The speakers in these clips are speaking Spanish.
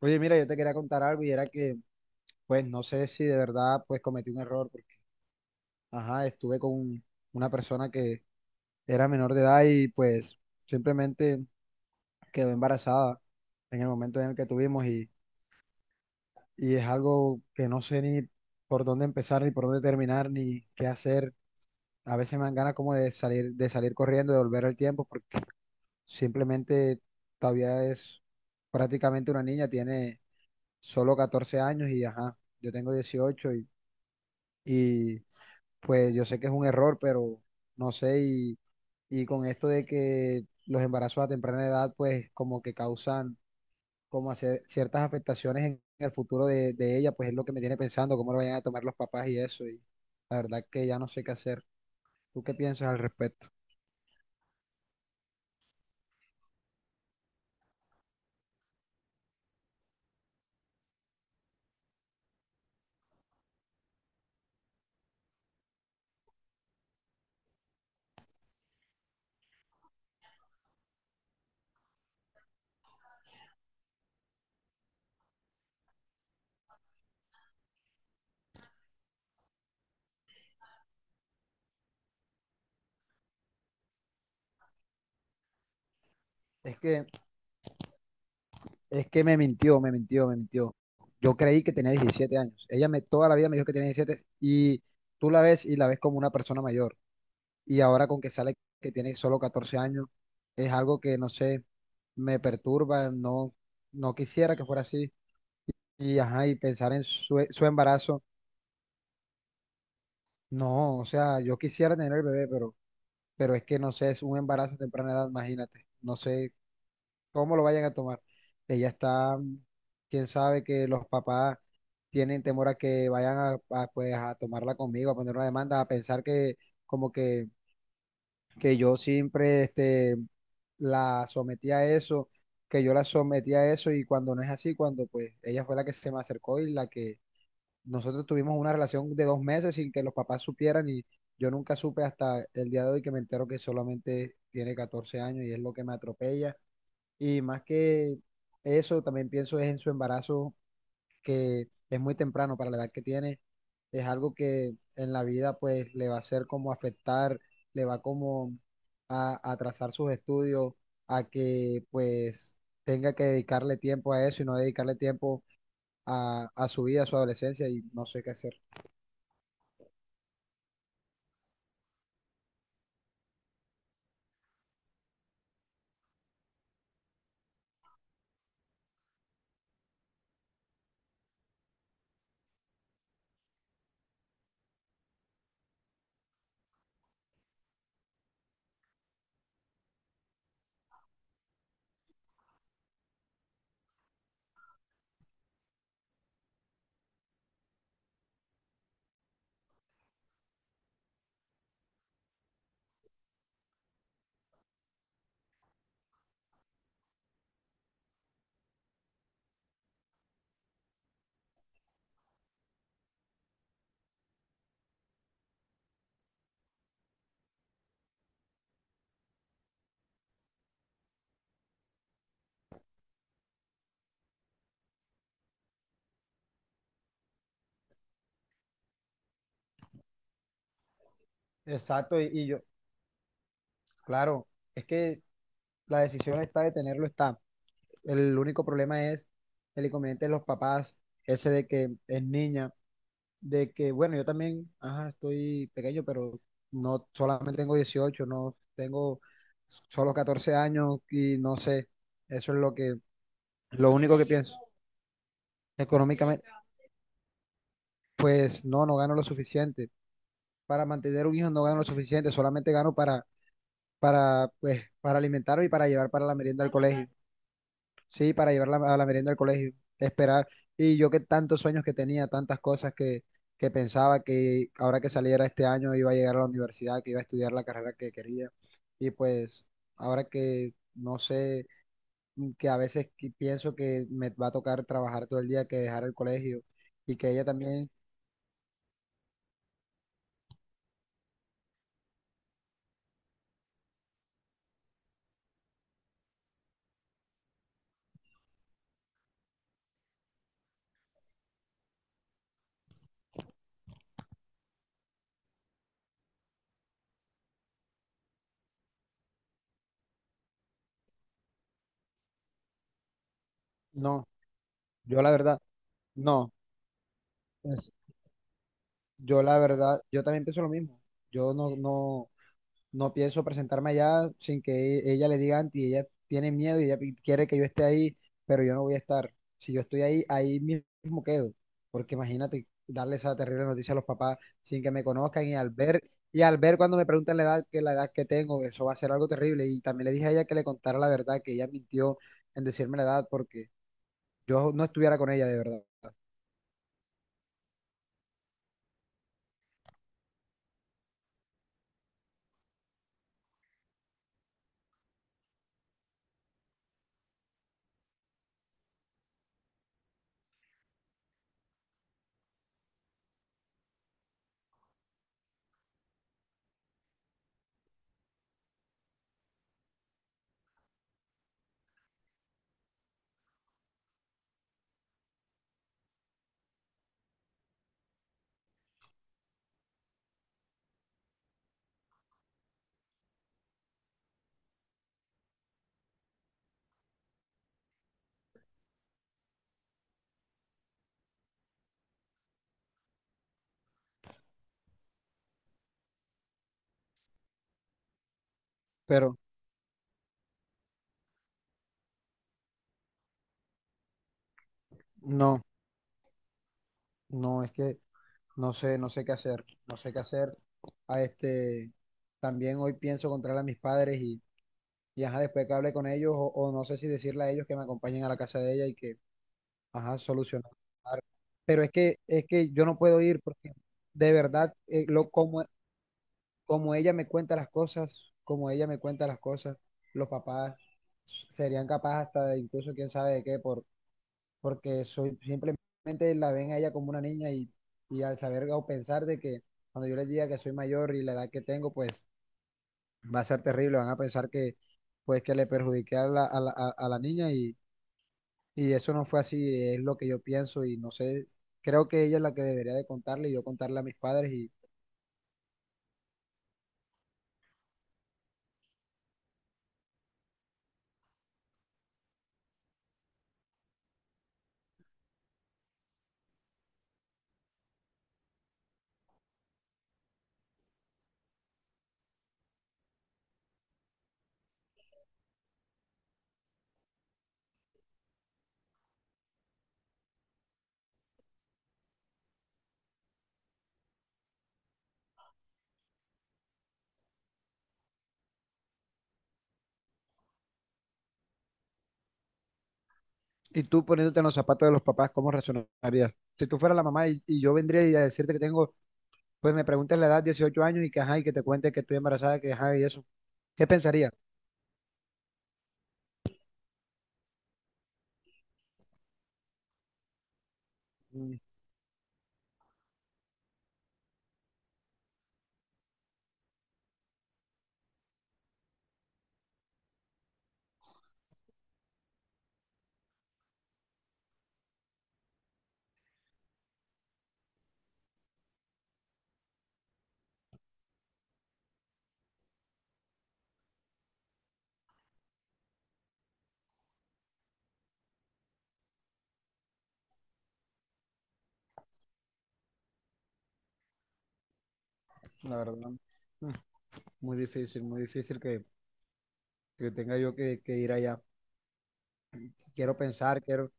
Oye, mira, yo te quería contar algo y era que, pues, no sé si de verdad, pues, cometí un error porque, ajá, estuve con una persona que era menor de edad y, pues, simplemente quedó embarazada en el momento en el que tuvimos y es algo que no sé ni por dónde empezar, ni por dónde terminar, ni qué hacer. A veces me dan ganas como de salir corriendo, de volver al tiempo porque simplemente todavía es prácticamente una niña, tiene solo 14 años y, ajá, yo tengo 18 Y pues yo sé que es un error, pero no sé, y con esto de que los embarazos a temprana edad, pues como que causan como hacer ciertas afectaciones en el futuro de ella, pues es lo que me tiene pensando cómo lo vayan a tomar los papás y eso, y la verdad que ya no sé qué hacer. ¿Tú qué piensas al respecto? Es que, es que me mintió, me mintió, me mintió. Yo creí que tenía 17 años. Ella me, toda la vida me dijo que tenía 17 y tú la ves y la ves como una persona mayor. Y ahora con que sale que tiene solo 14 años, es algo que no sé, me perturba, no, no quisiera que fuera así. Y ajá, y pensar en su embarazo, no, o sea, yo quisiera tener el bebé, pero es que no sé, es un embarazo a temprana edad, imagínate, no sé cómo lo vayan a tomar. Ella está, quién sabe. Que los papás tienen temor a que vayan pues, a tomarla conmigo, a poner una demanda, a pensar que como que yo siempre la sometí a eso, que yo la sometí a eso y cuando no es así, cuando pues ella fue la que se me acercó y la que nosotros tuvimos una relación de 2 meses sin que los papás supieran y yo nunca supe hasta el día de hoy que me entero que solamente tiene 14 años y es lo que me atropella. Y más que eso, también pienso es en su embarazo, que es muy temprano para la edad que tiene, es algo que en la vida pues le va a hacer como afectar, le va como a atrasar sus estudios, a que pues tenga que dedicarle tiempo a eso y no dedicarle tiempo a su vida, a su adolescencia y no sé qué hacer. Exacto, y yo, claro, es que la decisión está de tenerlo, está. El único problema es el inconveniente de los papás, ese de que es niña, de que, bueno, yo también, ajá, estoy pequeño, pero no, solamente tengo 18, no tengo solo 14 años y no sé, eso es lo que, lo único que pienso. Económicamente, pues no, no gano lo suficiente. Para mantener un hijo no gano lo suficiente, solamente gano pues, para alimentarme y para llevar para la merienda al colegio. Sí, para llevarla a la merienda del colegio, esperar. Y yo que tantos sueños que tenía, tantas cosas que pensaba que ahora que saliera este año iba a llegar a la universidad, que iba a estudiar la carrera que quería. Y pues ahora que no sé, que a veces que pienso que me va a tocar trabajar todo el día, que dejar el colegio y que ella también, no, yo la verdad, no, es- yo la verdad, yo también pienso lo mismo. Yo no, no, no pienso presentarme allá sin que ella le diga antes y ella tiene miedo y ella quiere que yo esté ahí, pero yo no voy a estar. Si yo estoy ahí, ahí mismo quedo, porque imagínate darle esa terrible noticia a los papás sin que me conozcan y al ver cuando me preguntan la edad que tengo, eso va a ser algo terrible. Y también le dije a ella que le contara la verdad, que ella mintió en decirme la edad porque yo no estuviera con ella de verdad, pero no, no, es que no sé, no sé qué hacer, no sé qué hacer. A también hoy pienso encontrar a mis padres y ajá, después que hable con ellos, o no sé si decirle a ellos que me acompañen a la casa de ella y que, ajá, solucionar. Pero es que yo no puedo ir porque de verdad, lo, como, como ella me cuenta las cosas, como ella me cuenta las cosas, los papás serían capaces hasta de incluso quién sabe de qué por, porque soy, simplemente la ven a ella como una niña y al saber o pensar de que cuando yo les diga que soy mayor y la edad que tengo, pues va a ser terrible, van a pensar que pues que le perjudiqué a la, a la, a la niña y eso no fue así, es lo que yo pienso y no sé, creo que ella es la que debería de contarle y yo contarle a mis padres y, tú poniéndote en los zapatos de los papás, ¿cómo reaccionarías? Si tú fueras la mamá y yo vendría y a decirte que tengo, pues me preguntas la edad, 18 años y que ajá, y que te cuente que estoy embarazada, que ajá, y eso, ¿qué pensarías? La verdad, mm, muy difícil que, tenga yo que ir allá. Quiero pensar, quiero,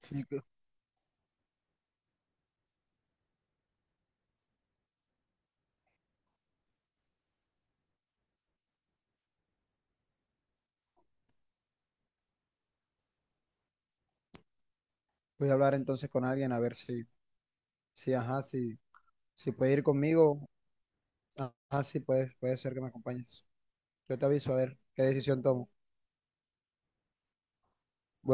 sí, voy a hablar entonces con alguien a ver si, si, ajá, si, si, puede ir conmigo, ajá, si puede ser que me acompañes. Yo te aviso a ver qué decisión tomo. Bueno.